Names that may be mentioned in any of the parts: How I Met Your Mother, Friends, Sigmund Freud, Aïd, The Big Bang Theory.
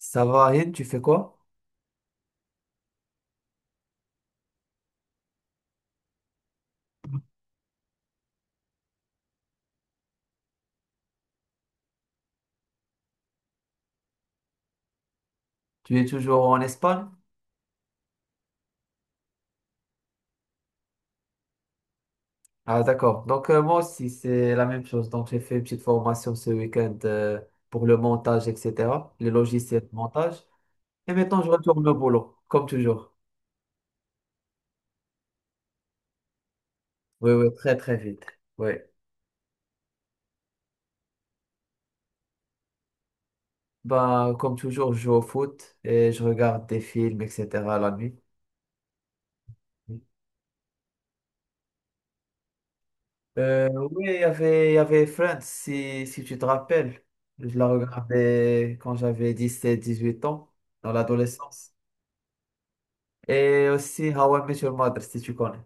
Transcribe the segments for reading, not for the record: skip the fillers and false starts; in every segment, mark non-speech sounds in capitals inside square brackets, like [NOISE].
Ça va, Aïd, tu fais quoi? Tu es toujours en Espagne? Ah, d'accord. Donc, moi aussi, c'est la même chose. Donc, j'ai fait une petite formation ce week-end pour le montage, etc., les logiciels de montage. Et maintenant, je retourne au boulot, comme toujours. Oui, oui, très, très vite. Oui. Bah, comme toujours, je joue au foot et je regarde des films, etc., la nuit. Oui, il y avait Friends, si tu te rappelles. Je la regardais quand j'avais 17-18 ans, dans l'adolescence. Et aussi How I Met Your Mother, si tu connais.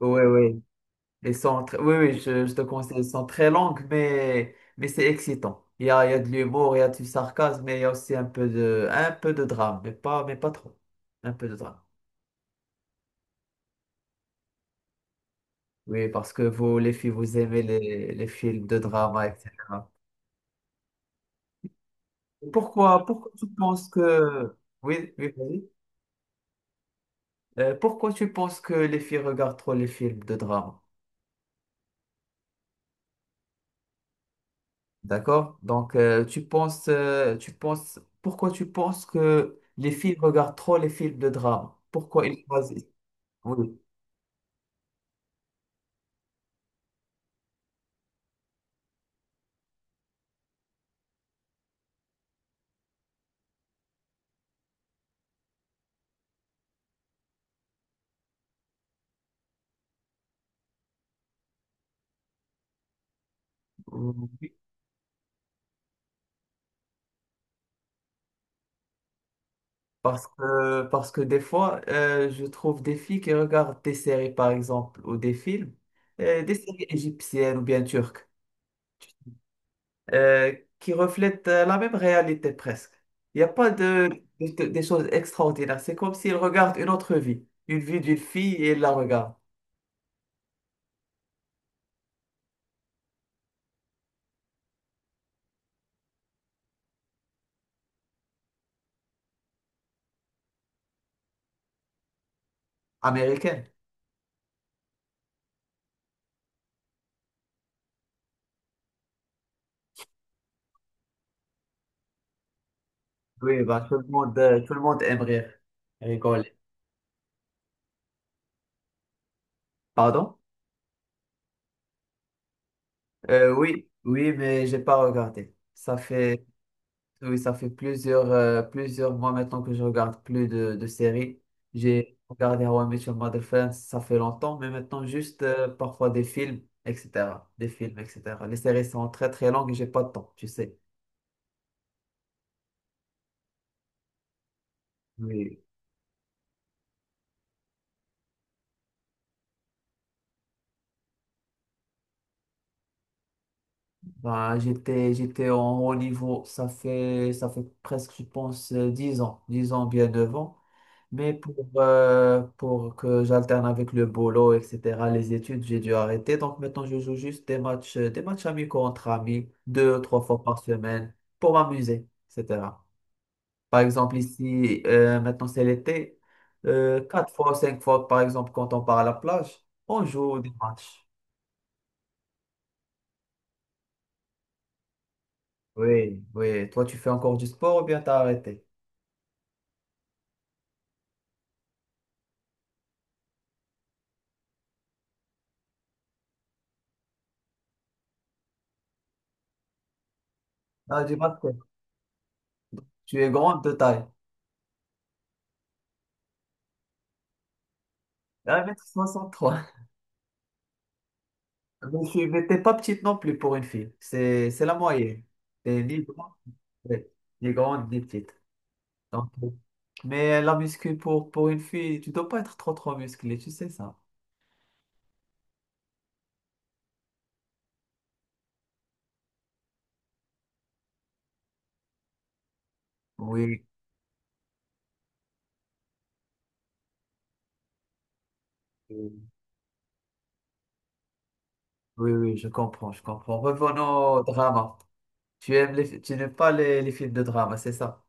Oui, oui. Oui, oui, je te conseille. Ils sont très longues, mais c'est excitant. Il y a de l'humour, il y a du sarcasme, mais il y a aussi un peu de drame, mais pas trop. Un peu de drame. Oui, parce que vous, les filles, vous aimez les films de drama, etc. Pourquoi tu penses que... Oui, oui, vas-y. Pourquoi tu penses que les filles regardent trop les films de drame? D'accord? Donc, pourquoi tu penses que les filles regardent trop les films de drame? Pourquoi ils choisissent? Oui, oui. Parce que des fois, je trouve des filles qui regardent des séries, par exemple, ou des films, des séries égyptiennes ou bien turques, euh, qui reflètent la même réalité presque. Il n'y a pas des choses extraordinaires. C'est comme s'ils regardent une autre vie, une vie d'une fille et ils la regardent. Américaine. Oui, bah, tout le monde aime rire, rigoler. Pardon? Oui, oui, mais j'ai pas regardé. Ça fait, oui, ça fait plusieurs mois maintenant que je regarde plus de séries. J'ai regardé How I Met Your Mother Friends, ça fait longtemps, mais maintenant juste parfois des films, etc. Des films, etc. Les séries sont très très longues et j'ai pas de temps, tu sais. Oui. Bah, j'étais en haut niveau, ça fait presque, je pense, 10 ans, 10 ans, bien devant. Mais pour que j'alterne avec le boulot, etc., les études, j'ai dû arrêter. Donc maintenant, je joue juste des matchs amicaux entre amis, deux, trois fois par semaine, pour m'amuser, etc. Par exemple, ici, maintenant c'est l'été, quatre fois, cinq fois, par exemple, quand on part à la plage, on joue des matchs. Oui, oui. Toi, tu fais encore du sport ou bien t'as arrêté? Ah, du basket. Tu es grande de taille. 1,63 m. Mais tu n'étais pas petite non plus pour une fille. C'est la moyenne. T'es ni grande, ouais, ni grande, ni petite. Donc, mais la muscu pour une fille, tu dois pas être trop trop musclé, tu sais ça. Oui, euh, oui, oui, je comprends, je comprends. Revenons au drama. Tu n'aimes pas les films de drama, c'est ça?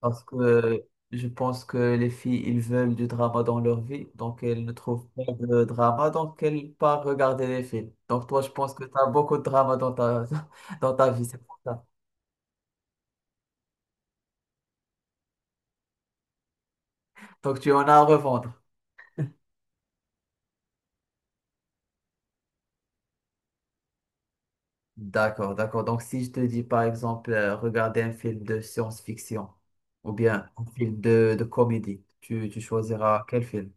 Parce que je pense que les filles, ils veulent du drama dans leur vie, donc elles ne trouvent pas de drama, donc elles partent regarder les films. Donc toi, je pense que tu as beaucoup de drama dans ta, [LAUGHS] dans ta vie, c'est pour ça. Donc tu en as à revendre. D'accord, d'accord. Donc si je te dis par exemple, regarder un film de science-fiction ou bien un film de comédie, tu choisiras quel film?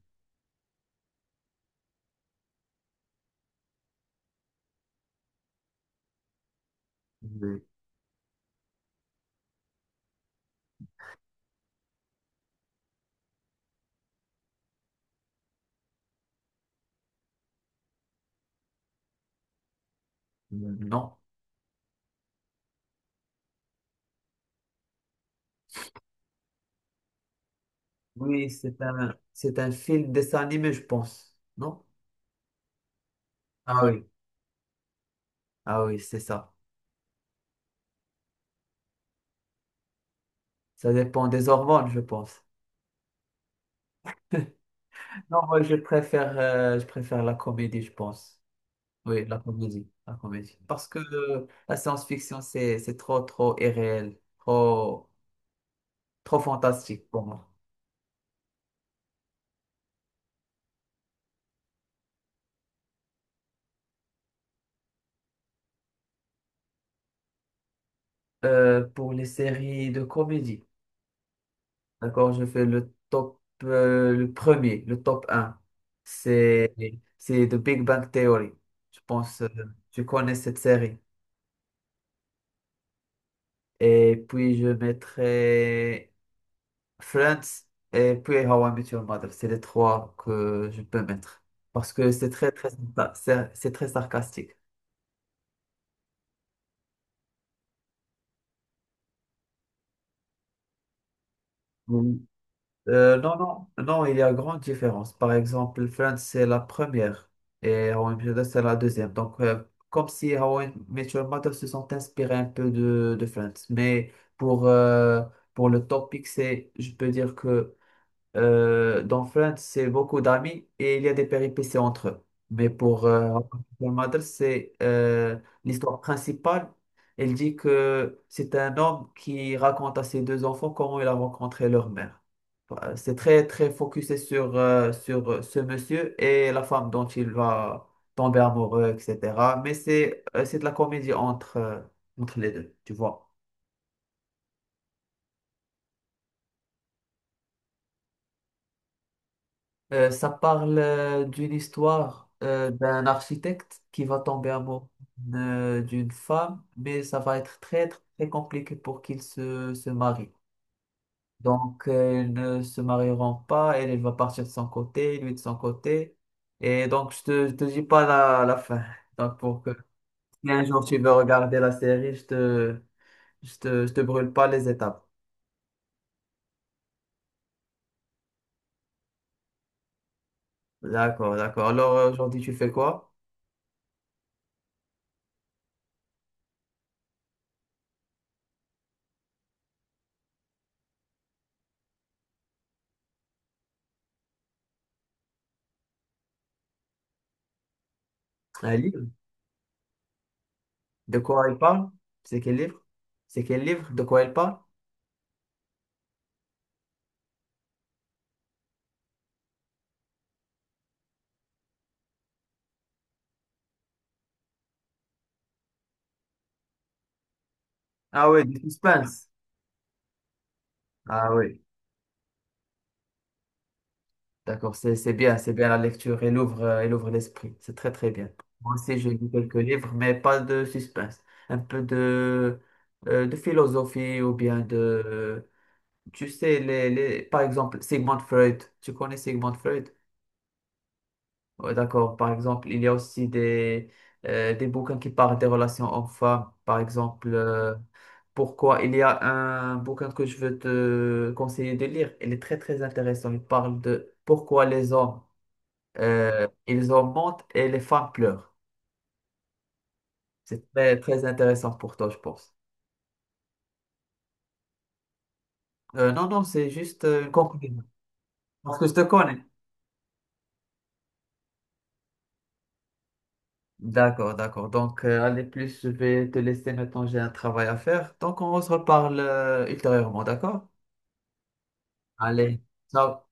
Euh, Non. Oui, c'est un film dessin animé, je pense. Non? Ah oui, ah oui, c'est ça. Ça dépend des hormones, je pense. [LAUGHS] Non, moi, je préfère la comédie, je pense. Oui, la comédie, la comédie. Parce que la science-fiction, c'est trop, trop irréel, trop, trop fantastique pour moi. Pour les séries de comédie, d'accord, je fais le top, le premier, le top un, C'est, c'est The Big Bang Theory. Je pense, tu connais cette série. Et puis, je mettrai Friends et puis How I Met Your Mother. C'est les trois que je peux mettre. Parce que c'est très, très, sympa, c'est très sarcastique. Oui. Non, non, non, il y a grande différence. Par exemple, Friends, c'est la première et How I Met Your Mother, c'est la deuxième. Donc, comme si How I Met Your Mother se sont inspirés un peu de Friends. Mais pour le topic, c'est, je peux dire que dans Friends, c'est beaucoup d'amis et il y a des péripéties entre eux. Mais pour Mother, c'est l'histoire principale. Elle dit que c'est un homme qui raconte à ses deux enfants comment il a rencontré leur mère. C'est très, très focusé sur ce monsieur et la femme dont il va tomber amoureux, etc. Mais c'est de la comédie entre les deux, tu vois. Ça parle d'une histoire d'un architecte qui va tomber amoureux d'une femme, mais ça va être très, très, très compliqué pour qu'il se marie. Donc, ils ne se marieront pas, elle va partir de son côté, lui de son côté. Et donc, je te dis pas la fin. Donc, pour que si un jour tu veux regarder la série, je te brûle pas les étapes. D'accord, d'accord. Alors, aujourd'hui, tu fais quoi? Un livre? De quoi il parle? C'est quel livre? C'est quel livre? De quoi il parle? Ah oui, du suspense. Ah oui, d'accord, c'est bien la lecture. Elle ouvre l'esprit. C'est très très bien. Moi aussi, j'ai lu quelques livres, mais pas de suspense. Un peu de philosophie ou bien de... Tu sais, les, par exemple, Sigmund Freud. Tu connais Sigmund Freud? Ouais, d'accord. Par exemple, il y a aussi des bouquins qui parlent des relations hommes-femmes. Par exemple, pourquoi il y a un bouquin que je veux te conseiller de lire. Il est très, très intéressant. Il parle de pourquoi les hommes, ils augmentent et les femmes pleurent. C'est très, très intéressant pour toi, je pense. Non, non, c'est juste une conclusion. Parce que je te connais. D'accord, d'accord. Donc, allez, plus, je vais te laisser maintenant. J'ai un travail à faire. Donc, on se reparle ultérieurement, d'accord? Allez, ciao.